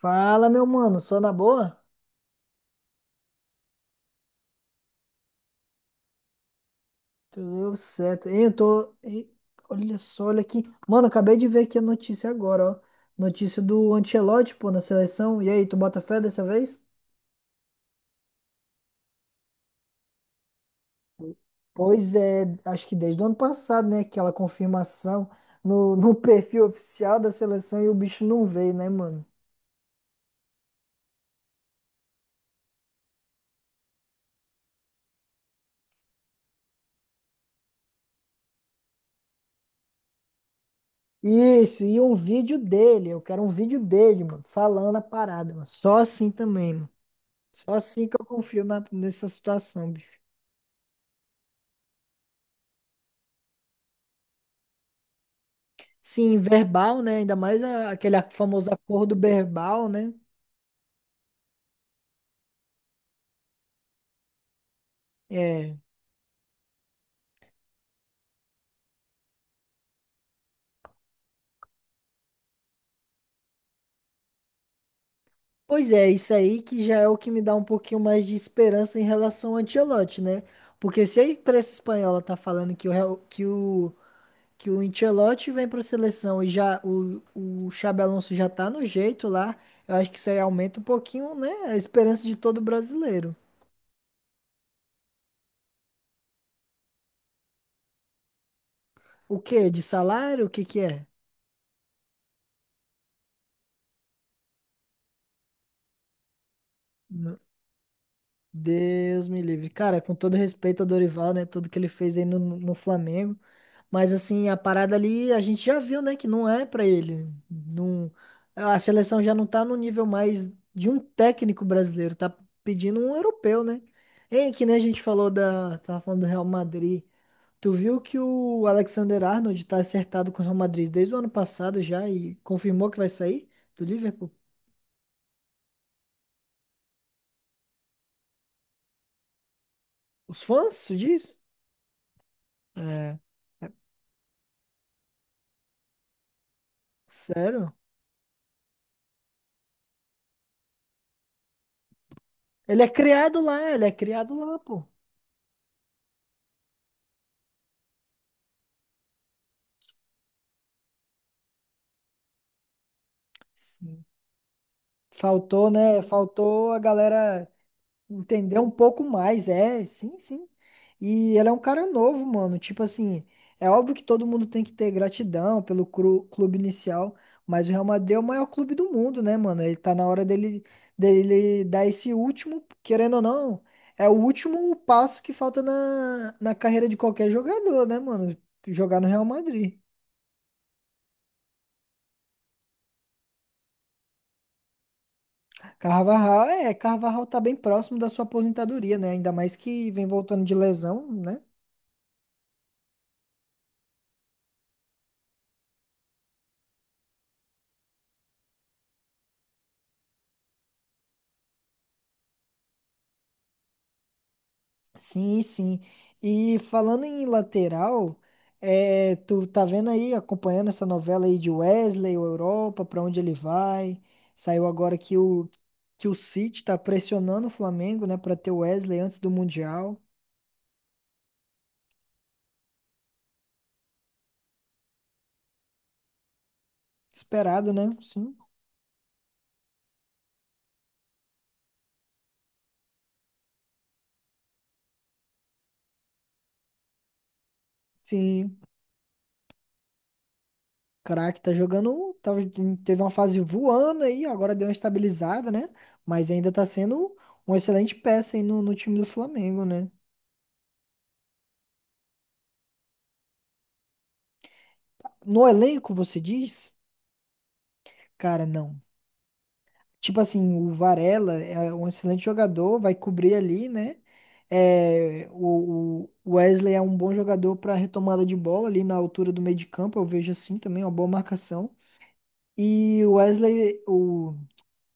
Fala, meu mano, só na boa? Tudo certo. Hein, eu tô. Ih, olha só, olha aqui. Mano, acabei de ver aqui a notícia agora, ó. Notícia do Ancelotti, pô, na seleção. E aí, tu bota fé dessa vez? Pois é, acho que desde o ano passado, né? Aquela confirmação no, no perfil oficial da seleção e o bicho não veio, né, mano? Isso, e um vídeo dele. Eu quero um vídeo dele, mano, falando a parada, mano. Só assim também, mano. Só assim que eu confio nessa situação, bicho. Sim, verbal, né? Ainda mais aquele famoso acordo verbal, né? É. Pois é, isso aí que já é o que me dá um pouquinho mais de esperança em relação ao Ancelotti, né? Porque se a imprensa espanhola tá falando que o, Real- que o Ancelotti vem pra seleção e o Xabi Alonso já tá no jeito lá, eu acho que isso aí aumenta um pouquinho, né? A esperança de todo brasileiro. O quê? De salário? O que que é? Deus me livre. Cara, com todo respeito ao Dorival, né? Tudo que ele fez aí no, no Flamengo. Mas, assim, a parada ali, a gente já viu, né? Que não é pra ele. Não, a seleção já não tá no nível mais de um técnico brasileiro. Tá pedindo um europeu, né? Ei, que nem a gente falou da... Tava falando do Real Madrid. Tu viu que o Alexander Arnold tá acertado com o Real Madrid desde o ano passado já e confirmou que vai sair do Liverpool? Os fãs, tu diz? É. Sério? Ele é criado lá, ele é criado lá, pô. Sim. Faltou, né? Faltou a galera entender um pouco mais, é, sim, sim. E ele é um cara novo, mano. Tipo assim, é óbvio que todo mundo tem que ter gratidão pelo clube inicial, mas o Real Madrid é o maior clube do mundo, né, mano? Ele tá na hora dele, dele dar esse último, querendo ou não, é o último passo que falta na, na carreira de qualquer jogador, né, mano? Jogar no Real Madrid. Carvajal, é, Carvajal tá bem próximo da sua aposentadoria, né? Ainda mais que vem voltando de lesão, né? Sim, sim. E falando em lateral, é, tu tá vendo aí, acompanhando essa novela aí de Wesley, o Europa, pra onde ele vai? Saiu agora que o City tá pressionando o Flamengo, né, pra ter o Wesley antes do Mundial. Esperado, né? Sim. Sim. Craque tá jogando, teve uma fase voando aí, agora deu uma estabilizada, né? Mas ainda tá sendo uma excelente peça aí no, no time do Flamengo, né? No elenco, você diz? Cara, não. Tipo assim, o Varela é um excelente jogador, vai cobrir ali, né? É, o Wesley é um bom jogador para retomada de bola ali na altura do meio de campo, eu vejo assim também, uma boa marcação. E o Wesley,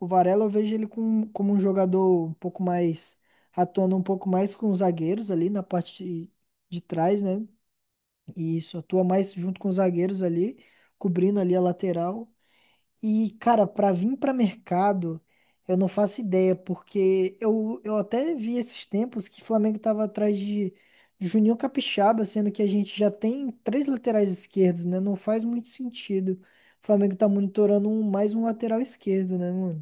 o Varela eu vejo ele com, como um jogador um pouco mais, atuando um pouco mais com os zagueiros ali na parte de trás, né? E isso, atua mais junto com os zagueiros ali, cobrindo ali a lateral. E, cara, pra vir pra mercado, eu não faço ideia, porque eu até vi esses tempos que o Flamengo tava atrás de Juninho Capixaba, sendo que a gente já tem três laterais esquerdos, né? Não faz muito sentido. O Flamengo tá monitorando mais um lateral esquerdo, né, mano?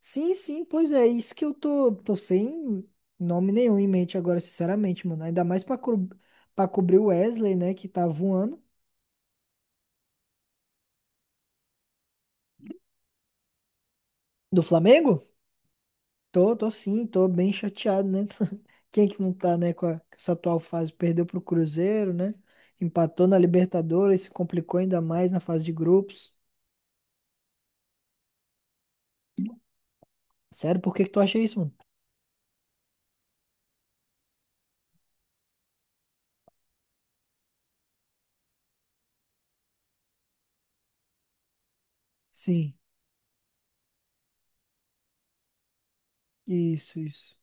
Sim, sim, pois é, isso que eu tô sem nome nenhum em mente agora, sinceramente, mano. Ainda mais pra, pra cobrir o Wesley, né, que tá voando. Do Flamengo? Tô, tô sim, tô bem chateado, né? Quem é que não tá, né, com, com essa atual fase? Perdeu pro Cruzeiro, né? Empatou na Libertadores, se complicou ainda mais na fase de grupos. Sério, por que que tu acha isso, mano? Sim, isso, isso.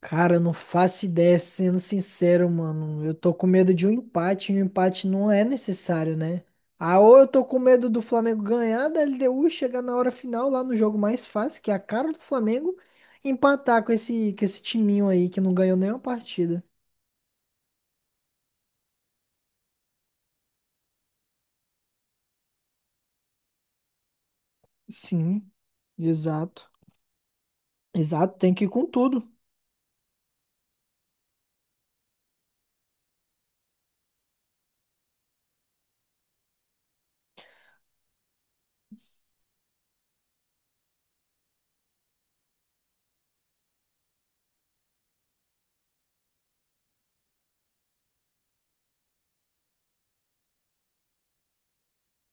Cara, eu não faço ideia, sendo sincero, mano. Eu tô com medo de um empate, e um empate não é necessário, né? Ah, ou eu tô com medo do Flamengo ganhar da LDU, chegar na hora final lá no jogo mais fácil, que é a cara do Flamengo, empatar com esse timinho aí que não ganhou nenhuma partida. Sim, exato. Exato, tem que ir com tudo.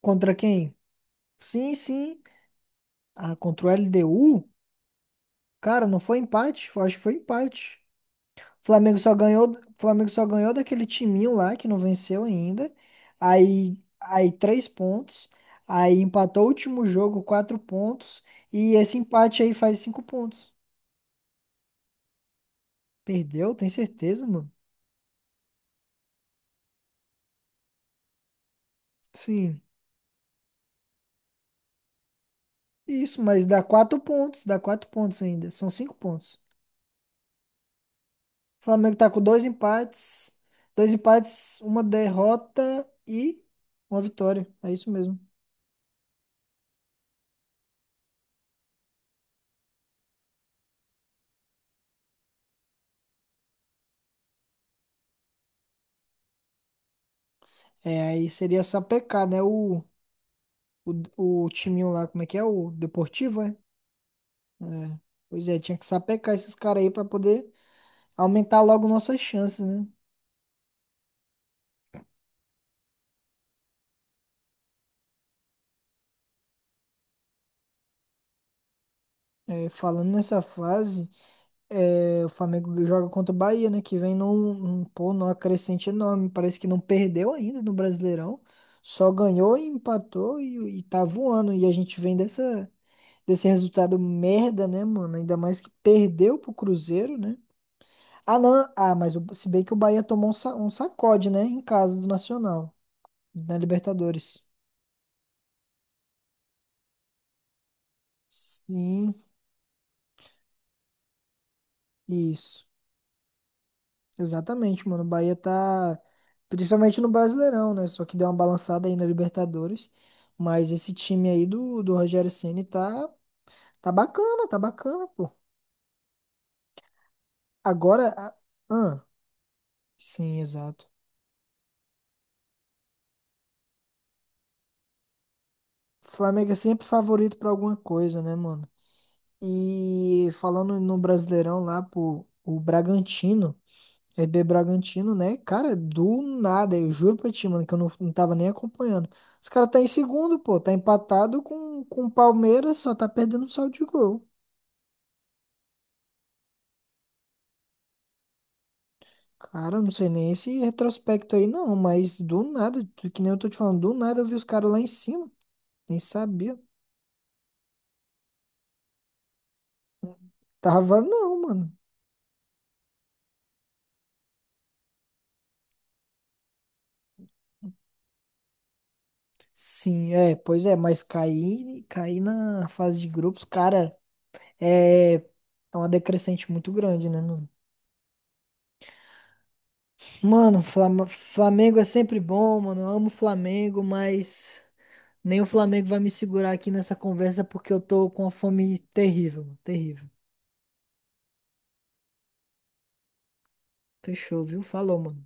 Contra quem? Sim, sim. Ah, contra o LDU? Cara, não foi empate? Eu acho que foi empate. Flamengo só ganhou daquele timinho lá que não venceu ainda. Aí, aí três pontos. Aí empatou o último jogo, quatro pontos. E esse empate aí faz cinco pontos. Perdeu, tem certeza, mano? Sim. Isso, mas dá quatro pontos ainda. São cinco pontos. O Flamengo tá com dois empates, uma derrota e uma vitória. É isso mesmo. É, aí seria sapecar, né? O timinho lá, como é que é? O Deportivo, é? É. Pois é, tinha que sapecar esses caras aí pra poder aumentar logo nossas chances, né? É, falando nessa fase, é, o Flamengo joga contra o Bahia, né? Que vem num, num, pô, numa crescente enorme. Parece que não perdeu ainda no Brasileirão. Só ganhou e empatou e tá voando. E a gente vem dessa, desse resultado merda, né, mano? Ainda mais que perdeu pro Cruzeiro, né? Ah, não. Ah, mas se bem que o Bahia tomou um, um sacode, né? Em casa do Nacional, na Libertadores. Sim, isso. Exatamente, mano. O Bahia tá. Principalmente no Brasileirão, né? Só que deu uma balançada aí na Libertadores. Mas esse time aí do, do Rogério Ceni tá, tá bacana, pô. Agora. Ah, sim, exato. Flamengo é sempre favorito pra alguma coisa, né, mano? E falando no Brasileirão lá, pô, o Bragantino. RB Bragantino, né? Cara, do nada, eu juro pra ti, mano, que eu não, não tava nem acompanhando. Os caras tá em segundo, pô, tá empatado com o Palmeiras, só tá perdendo saldo de gol. Cara, eu não sei nem esse retrospecto aí não, mas do nada, que nem eu tô te falando, do nada eu vi os caras lá em cima, nem sabia. Tava não, mano. Sim, é, pois é, mas cair, cair na fase de grupos, cara, é, é uma decrescente muito grande, né, mano? Mano, Flamengo é sempre bom, mano. Eu amo o Flamengo, mas nem o Flamengo vai me segurar aqui nessa conversa porque eu tô com uma fome terrível, mano. Terrível. Fechou, viu? Falou, mano.